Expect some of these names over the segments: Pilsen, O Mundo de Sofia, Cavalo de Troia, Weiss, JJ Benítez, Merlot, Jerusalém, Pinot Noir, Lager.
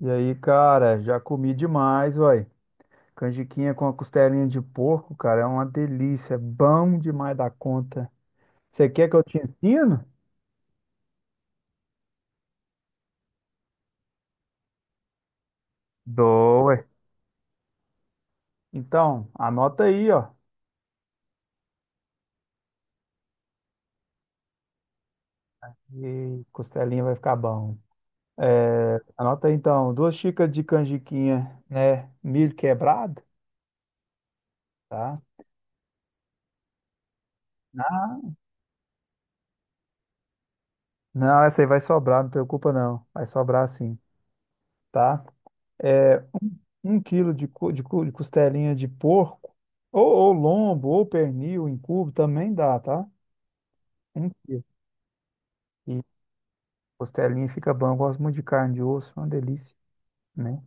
E aí, cara, já comi demais, uai. Canjiquinha com a costelinha de porco, cara, é uma delícia. Bom demais da conta. Você quer que eu te ensino? Dou, ué. Então, anota aí, ó. E costelinha vai ficar bom. É, anota aí, então, duas xícaras de canjiquinha, né? Milho quebrado, tá? Não, essa aí vai sobrar, não preocupa não. Vai sobrar sim, tá? É, um quilo de costelinha de porco, ou lombo, ou pernil em cubo, também dá, tá? Um quilo. E costelinha fica bom, eu gosto muito de carne de osso, é uma delícia, né?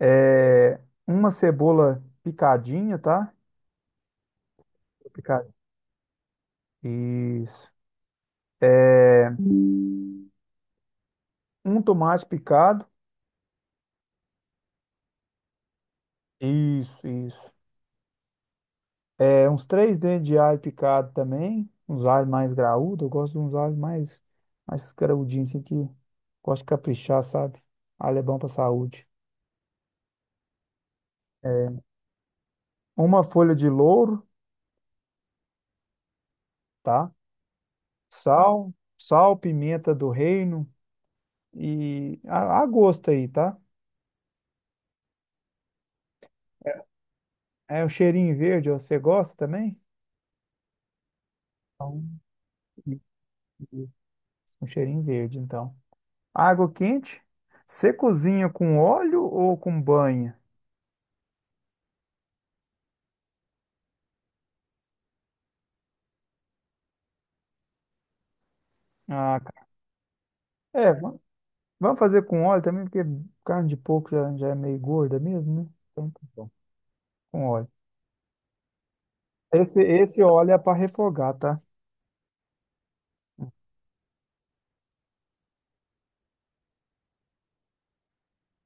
É, uma cebola picadinha, tá? Picada. Isso. É, um tomate picado. Isso, isso. É, uns três dentes de alho picado também. Uns alhos mais graúdos. Eu gosto de uns alhos mais, mais graudinhos, assim, que gosto de caprichar, sabe? Alho é bom pra saúde. É, uma folha de louro, tá? Sal, sal, pimenta do reino e a gosto aí, tá? É o cheirinho verde, ó, você gosta também? Isso. Um cheirinho verde, então. Água quente. Você cozinha com óleo ou com banha? Ah, cara. É, vamos fazer com óleo também, porque carne de porco já é meio gorda mesmo, né? Então, tá bom. Com óleo. Esse óleo é para refogar, tá?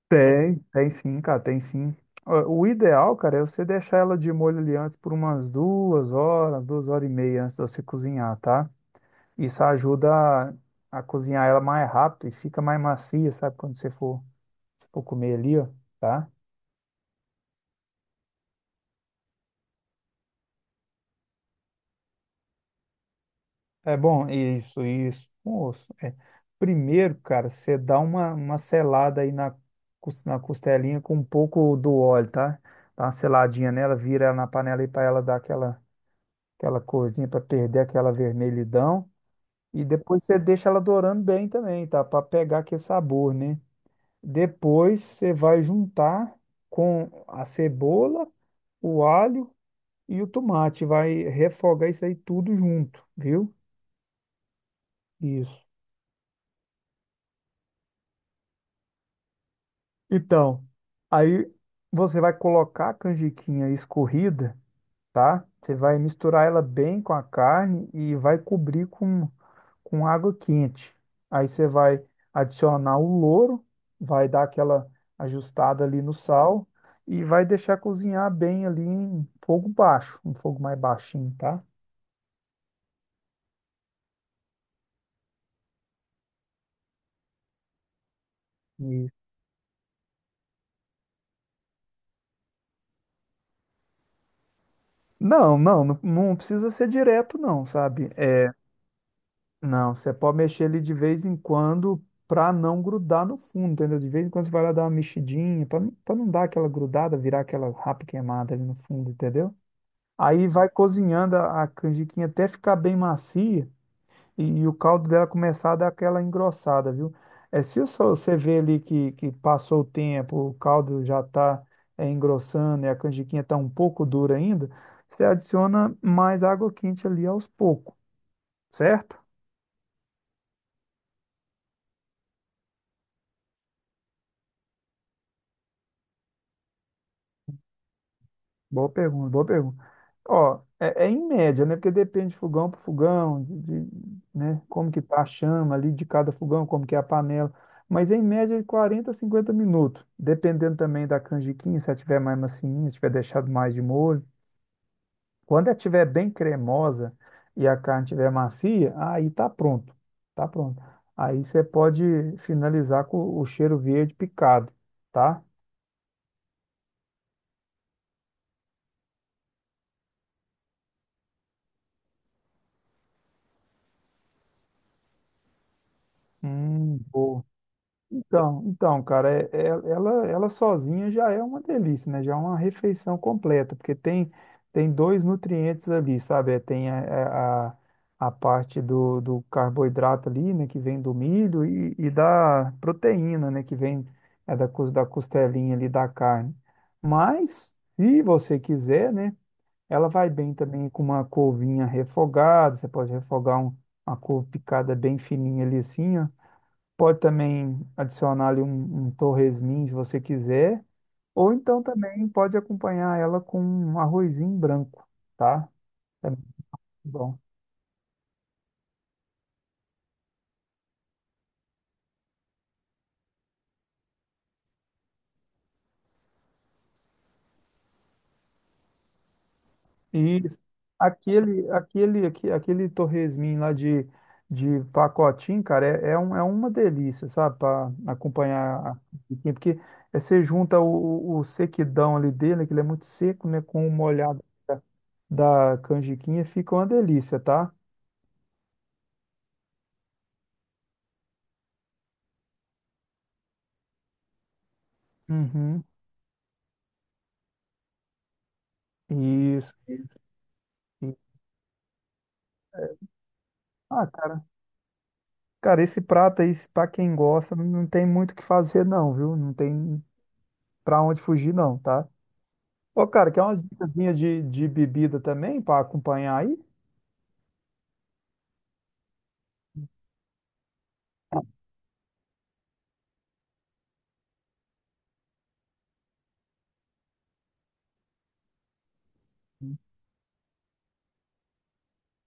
Tem, tem sim, cara, tem sim. Ó, o ideal, cara, é você deixar ela de molho ali antes por umas duas horas e meia antes de você cozinhar, tá? Isso ajuda a cozinhar ela mais rápido e fica mais macia, sabe? Quando você for, se for comer ali, ó, tá? É bom, isso, isso. Moço, é. Primeiro, cara, você dá uma selada aí na, na costelinha com um pouco do óleo, tá? Dá uma seladinha nela, vira ela na panela aí pra ela dar aquela corzinha para perder aquela vermelhidão. E depois você deixa ela dourando bem também, tá? Para pegar aquele sabor, né? Depois você vai juntar com a cebola, o alho e o tomate. Vai refogar isso aí tudo junto, viu? Isso. Então, aí você vai colocar a canjiquinha escorrida, tá? Você vai misturar ela bem com a carne e vai cobrir com água quente. Aí você vai adicionar o louro, vai dar aquela ajustada ali no sal e vai deixar cozinhar bem ali em fogo baixo, um fogo mais baixinho, tá? E- Não, não, não, não precisa ser direto, não, sabe? Não, você pode mexer ele de vez em quando para não grudar no fundo, entendeu? De vez em quando você vai lá dar uma mexidinha, para não, pra não dar aquela grudada, virar aquela rapa queimada ali no fundo, entendeu? Aí vai cozinhando a canjiquinha até ficar bem macia e o caldo dela começar a dar aquela engrossada, viu? É, se só você vê ali que passou o tempo, o caldo já está engrossando e a canjiquinha está um pouco dura ainda, você adiciona mais água quente ali aos poucos, certo? Boa pergunta, boa pergunta. Ó, é, é em média, né? Porque depende de fogão para fogão, de, né? Como que tá a chama ali de cada fogão, como que é a panela. Mas em média de 40 a 50 minutos. Dependendo também da canjiquinha, se ela tiver mais macinha, se tiver deixado mais de molho. Quando ela tiver bem cremosa e a carne tiver macia, aí tá pronto. Tá pronto. Aí você pode finalizar com o cheiro verde picado, tá? Boa. Então, cara, ela sozinha já é uma delícia, né? Já é uma refeição completa, porque tem, tem dois nutrientes ali, sabe? É, tem a, é, a parte do, do carboidrato ali, né? Que vem do milho e da proteína, né? Que vem é, da, da costelinha ali da carne. Mas, se você quiser, né? Ela vai bem também com uma couvinha refogada, você pode uma couve picada bem fininha ali assim, ó. Pode também adicionar ali um, um torresmin, se você quiser, ou então também pode acompanhar ela com um arrozinho branco, tá? É muito bom. E aquele torresmin lá de pacotinho, cara, é uma delícia, sabe? Para acompanhar, a comidinha, porque é, você junta o sequidão ali dele, que ele é muito seco, né? Com o molhado da, da canjiquinha, fica uma delícia, tá? Uhum. Isso. Ah, cara, cara, esse prato aí, pra quem gosta, não tem muito o que fazer, não, viu? Não tem pra onde fugir, não, tá? Ô, cara, quer umas dicasinhas de bebida também pra acompanhar aí?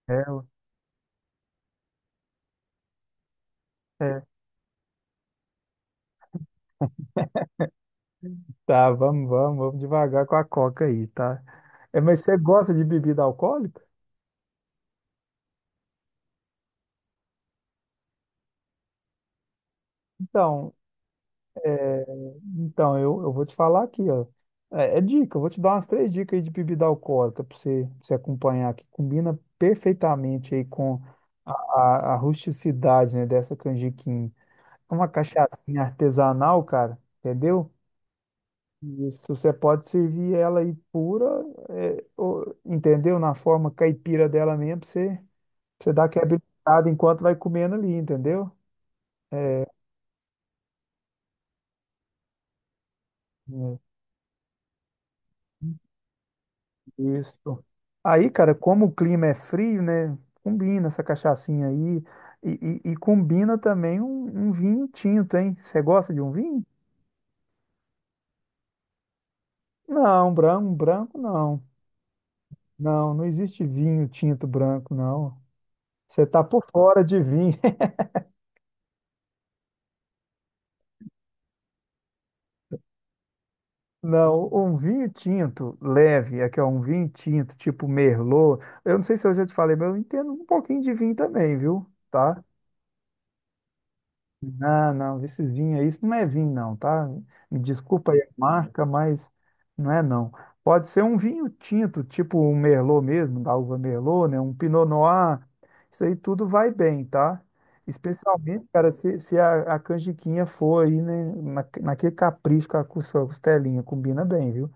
É, ué. É. Tá, vamos, vamos, vamos devagar com a coca aí, tá? É, mas você gosta de bebida alcoólica? Então, é, então eu vou te falar aqui, ó. É, é dica, eu vou te dar umas três dicas aí de bebida alcoólica pra você acompanhar, que combina perfeitamente aí com a rusticidade, né, dessa canjiquinha. É uma cachaçinha artesanal, cara, entendeu? Isso, você pode servir ela aí pura, é, ou- entendeu? Na forma caipira dela mesmo, pra você dá aquela beliscada enquanto vai comendo ali, entendeu? É, né, isso. Aí, cara, como o clima é frio, né? Combina essa cachaçinha aí. E, e combina também um vinho tinto, hein? Você gosta de um vinho? Não, branco, branco não. Não, não existe vinho tinto branco, não. Você tá por fora de vinho. Não, um vinho tinto leve, aqui é um vinho tinto tipo Merlot. Eu não sei se eu já te falei, mas eu entendo um pouquinho de vinho também, viu? Tá? Não, não, esses vinhos aí, isso não é vinho não, tá? Me desculpa aí a marca, mas não é não. Pode ser um vinho tinto, tipo um Merlot mesmo, da uva Merlot, né? Um Pinot Noir, isso aí tudo vai bem, tá? Especialmente, cara, se a canjiquinha for aí, né, na, naquele capricho com a costelinha, combina bem, viu?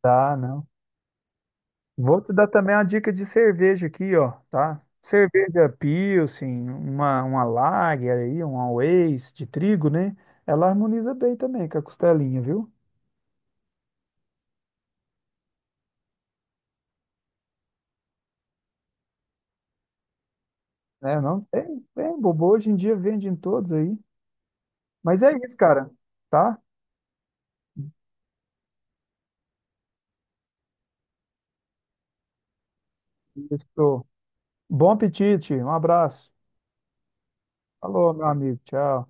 Tá, não. Vou te dar também uma dica de cerveja aqui, ó, tá? Cerveja Pilsen, uma Lager aí, uma Weiss de trigo, né? Ela harmoniza bem também com a costelinha, viu? Né, não tem, tem bobo, hoje em dia vende em todos aí. Mas é isso, cara, tá? Isso. Bom apetite, um abraço. Falou, meu amigo, tchau.